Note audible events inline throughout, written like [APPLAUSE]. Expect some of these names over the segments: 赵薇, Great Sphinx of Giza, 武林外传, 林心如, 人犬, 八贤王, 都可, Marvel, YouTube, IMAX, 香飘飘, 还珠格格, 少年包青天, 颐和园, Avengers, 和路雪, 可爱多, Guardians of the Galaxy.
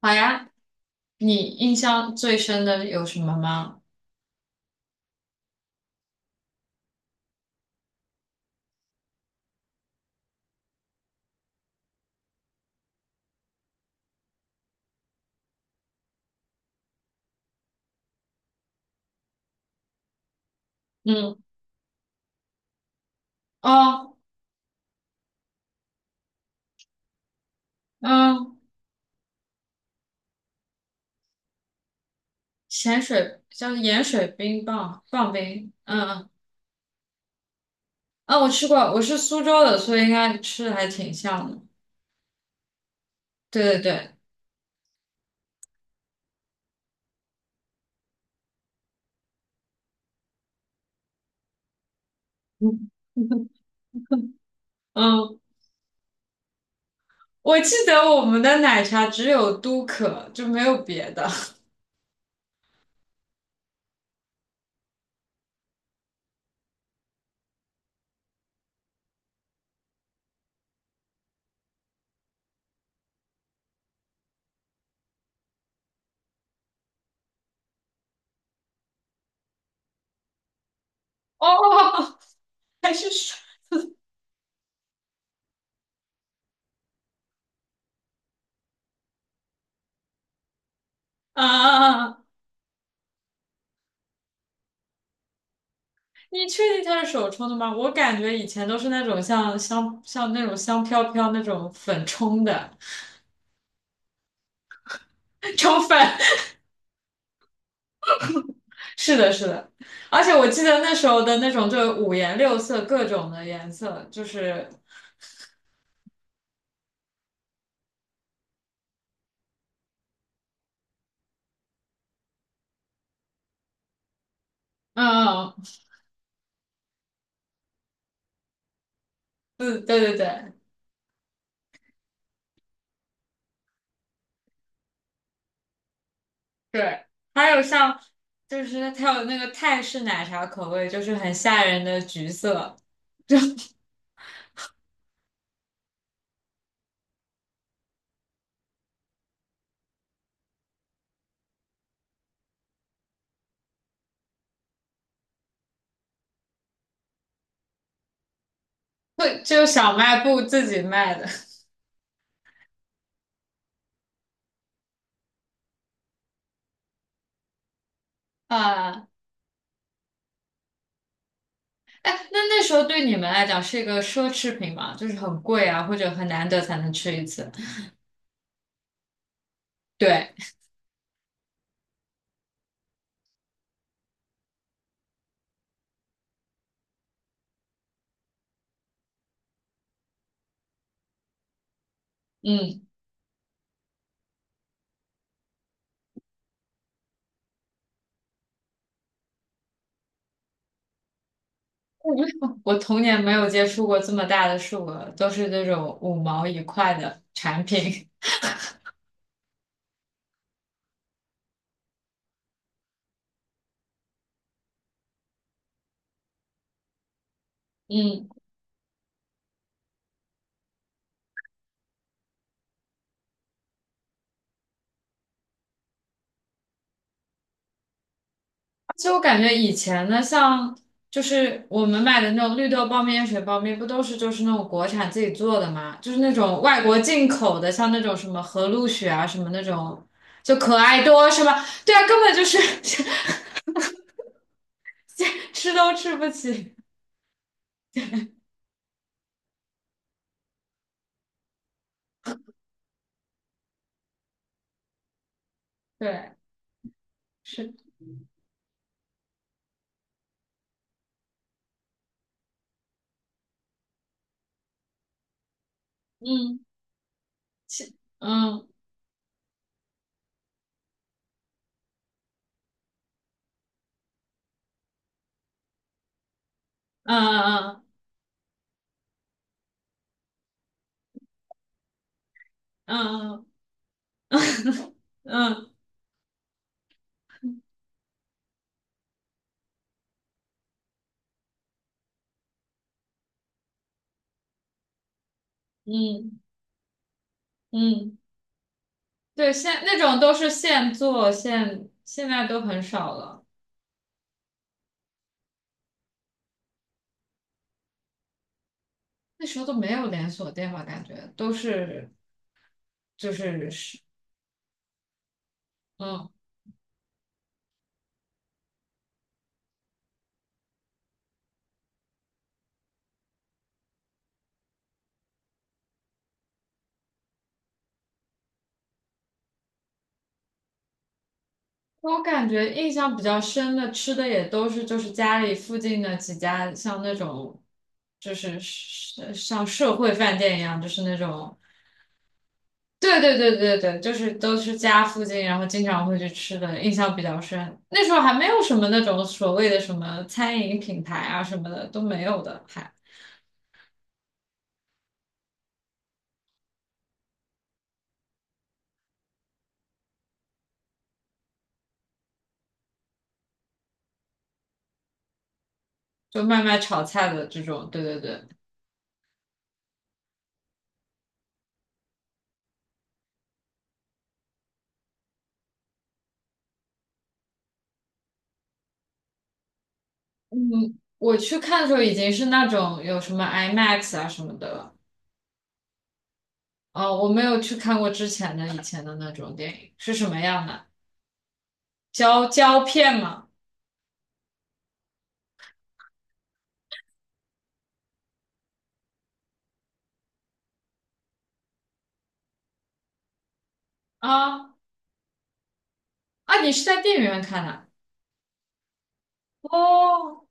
好呀，你印象最深的有什么吗？嗯，哦，嗯，咸水叫盐水冰棒棒冰，嗯嗯，啊，我吃过，我是苏州的，所以应该吃的还挺像的。对对对，嗯 [LAUGHS] 嗯，我记得我们的奶茶只有都可，就没有别的。[LAUGHS] 哦，还是手啊啊啊？你确定它是手冲的吗？我感觉以前都是那种像那种香飘飘那种粉冲的 [LAUGHS] 冲粉。是的，是的，而且我记得那时候的那种，就五颜六色，各种的颜色，嗯，嗯，对对对对，还有像，就是它有那个泰式奶茶口味，就是很吓人的橘色，会就小卖部自己卖的 [LAUGHS] 啊，哎，那那时候对你们来讲是一个奢侈品嘛，就是很贵啊，或者很难得才能吃一次。对，嗯，我童年没有接触过这么大的数额，都是那种五毛一块的产品。嗯，而且我感觉以前呢，像就是我们买的那种绿豆包、面、水包、面，不都是就是那种国产自己做的吗？就是那种外国进口的，像那种什么和路雪啊，什么那种，就可爱多是吧？对啊，根本就是 [LAUGHS] 吃都吃不起。对，是，嗯，其嗯嗯嗯嗯嗯嗯嗯嗯，对，现那种都是现做现，现在都很少了。那时候都没有连锁店吧，感觉都是就是，嗯，我感觉印象比较深的吃的也都是就是家里附近的几家，像那种就是像社会饭店一样，就是那种对对对对对，就是都是家附近，然后经常会去吃的，印象比较深。那时候还没有什么那种所谓的什么餐饮品牌啊什么的都没有的，还就卖卖炒菜的这种，对对对。嗯，我去看的时候已经是那种有什么 IMAX 啊什么的了。哦，我没有去看过之前的以前的那种电影，是什么样的？胶片吗？啊啊，你是在电影院看的？哦，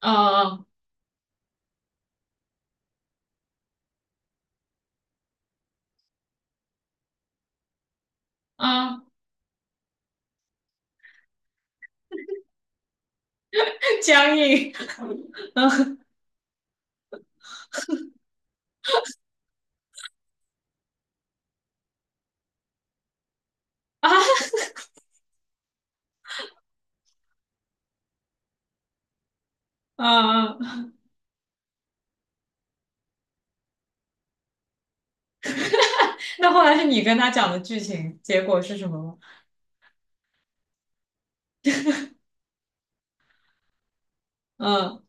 啊啊，[LAUGHS] 僵硬啊啊！那后来是你跟他讲的剧情，结果是什么吗？嗯，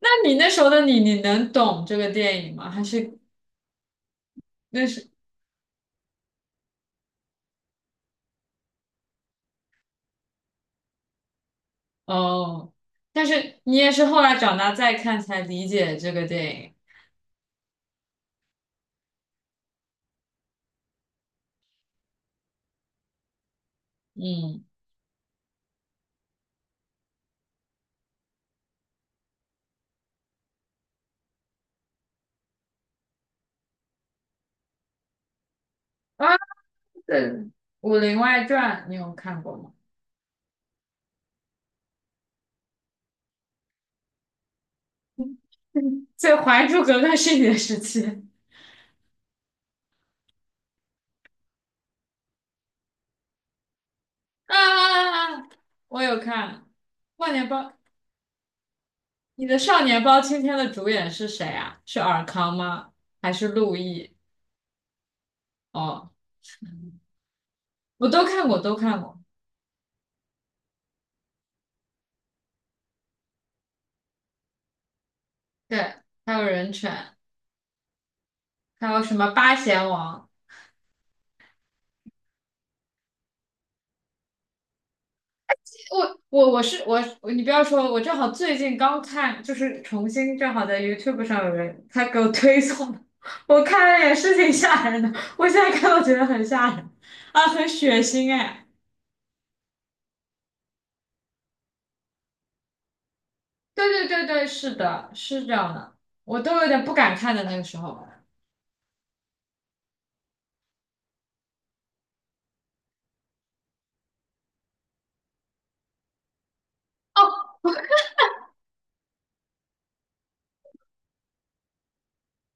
那你那时候的你，你能懂这个电影吗？还是那是哦？但是你也是后来长大再看才理解这个电影。嗯啊，对，《武林外传》你有看过吗？[LAUGHS] 所以《还珠格格》是你的时期啊啊啊！啊我有看《少年包》，你的《少年包青天》的主演是谁啊？是尔康吗？还是陆毅？哦，我都看过，都看过。对，还有《人犬》，还有什么《八贤王》？我我我是我，你不要说，我正好最近刚看，就是重新正好在 YouTube 上有人他给我推送的我看了也是挺吓人的，我现在看都觉得很吓人啊，很血腥哎。对对对对，是的，是这样的，我都有点不敢看的那个时候。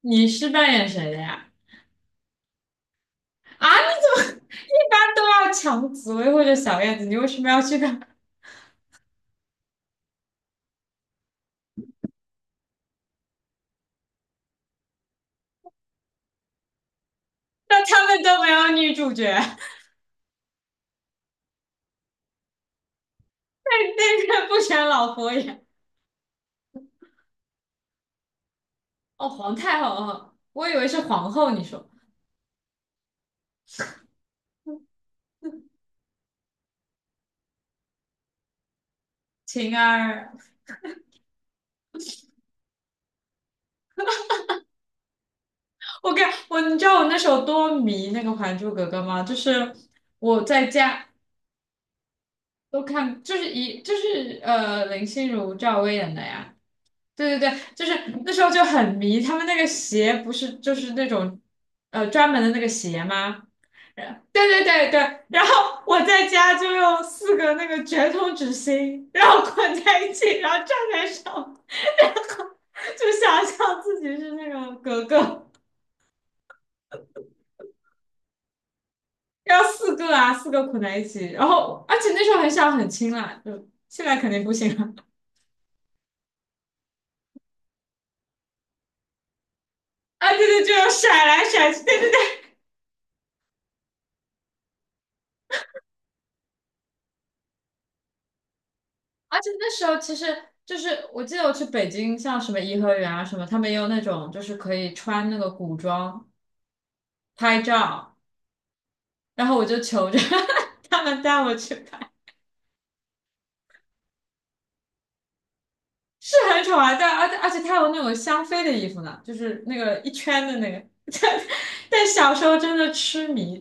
你是扮演谁的呀？啊，你怎么 [LAUGHS] 一般都要抢紫薇或者小燕子，你为什么要去看？那他们都没有女主角，[LAUGHS] 那那个不选老佛爷。哦，皇太后啊，哦我以为是皇后。你说晴儿，我跟我，你知道我那时候多迷那个《还珠格格》吗？就是我在家都看，就是一就是呃林心如、赵薇演的呀。对对对，就是那时候就很迷，他们那个鞋不是就是那种专门的那个鞋吗？然对对对对，然后我在家就用四个那个卷筒纸芯，然后捆在一起，然后站在上面。[LAUGHS] 就想象自己是那个格格，要四个啊，四个捆在一起，然后而且那时候很小很轻啦，就现在肯定不行了。啊，对对，就要甩来甩去，对对对。而且那时候其实就是，我记得我去北京，像什么颐和园啊什么，他们也有那种就是可以穿那个古装拍照，然后我就求着 [LAUGHS] 他们带我去拍，是很丑啊，但而且而且他有那种香妃的衣服呢，就是那个一圈的那个，[LAUGHS] 但但小时候真的痴迷，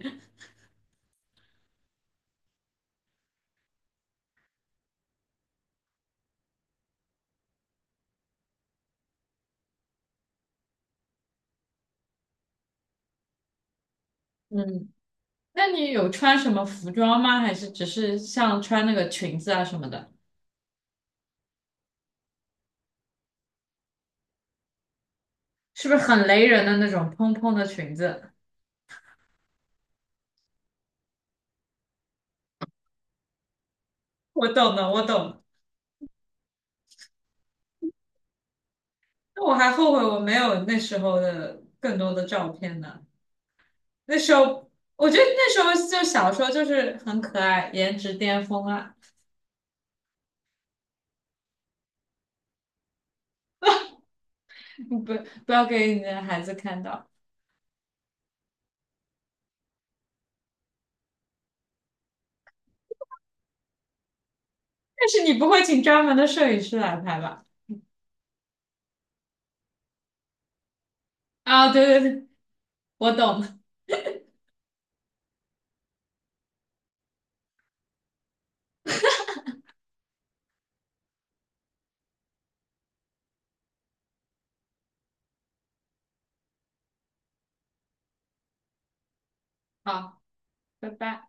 嗯。那你有穿什么服装吗？还是只是像穿那个裙子啊什么的？是不是很雷人的那种蓬蓬的裙子？我懂的，我懂的。那我还后悔我没有那时候的更多的照片呢。那时候，我觉得那时候就小时候就是很可爱，颜值巅峰啊！[LAUGHS] 不不要给你的孩子看到但是你不会请专门的摄影师来拍吧？啊！对对对，我懂了。好，拜拜。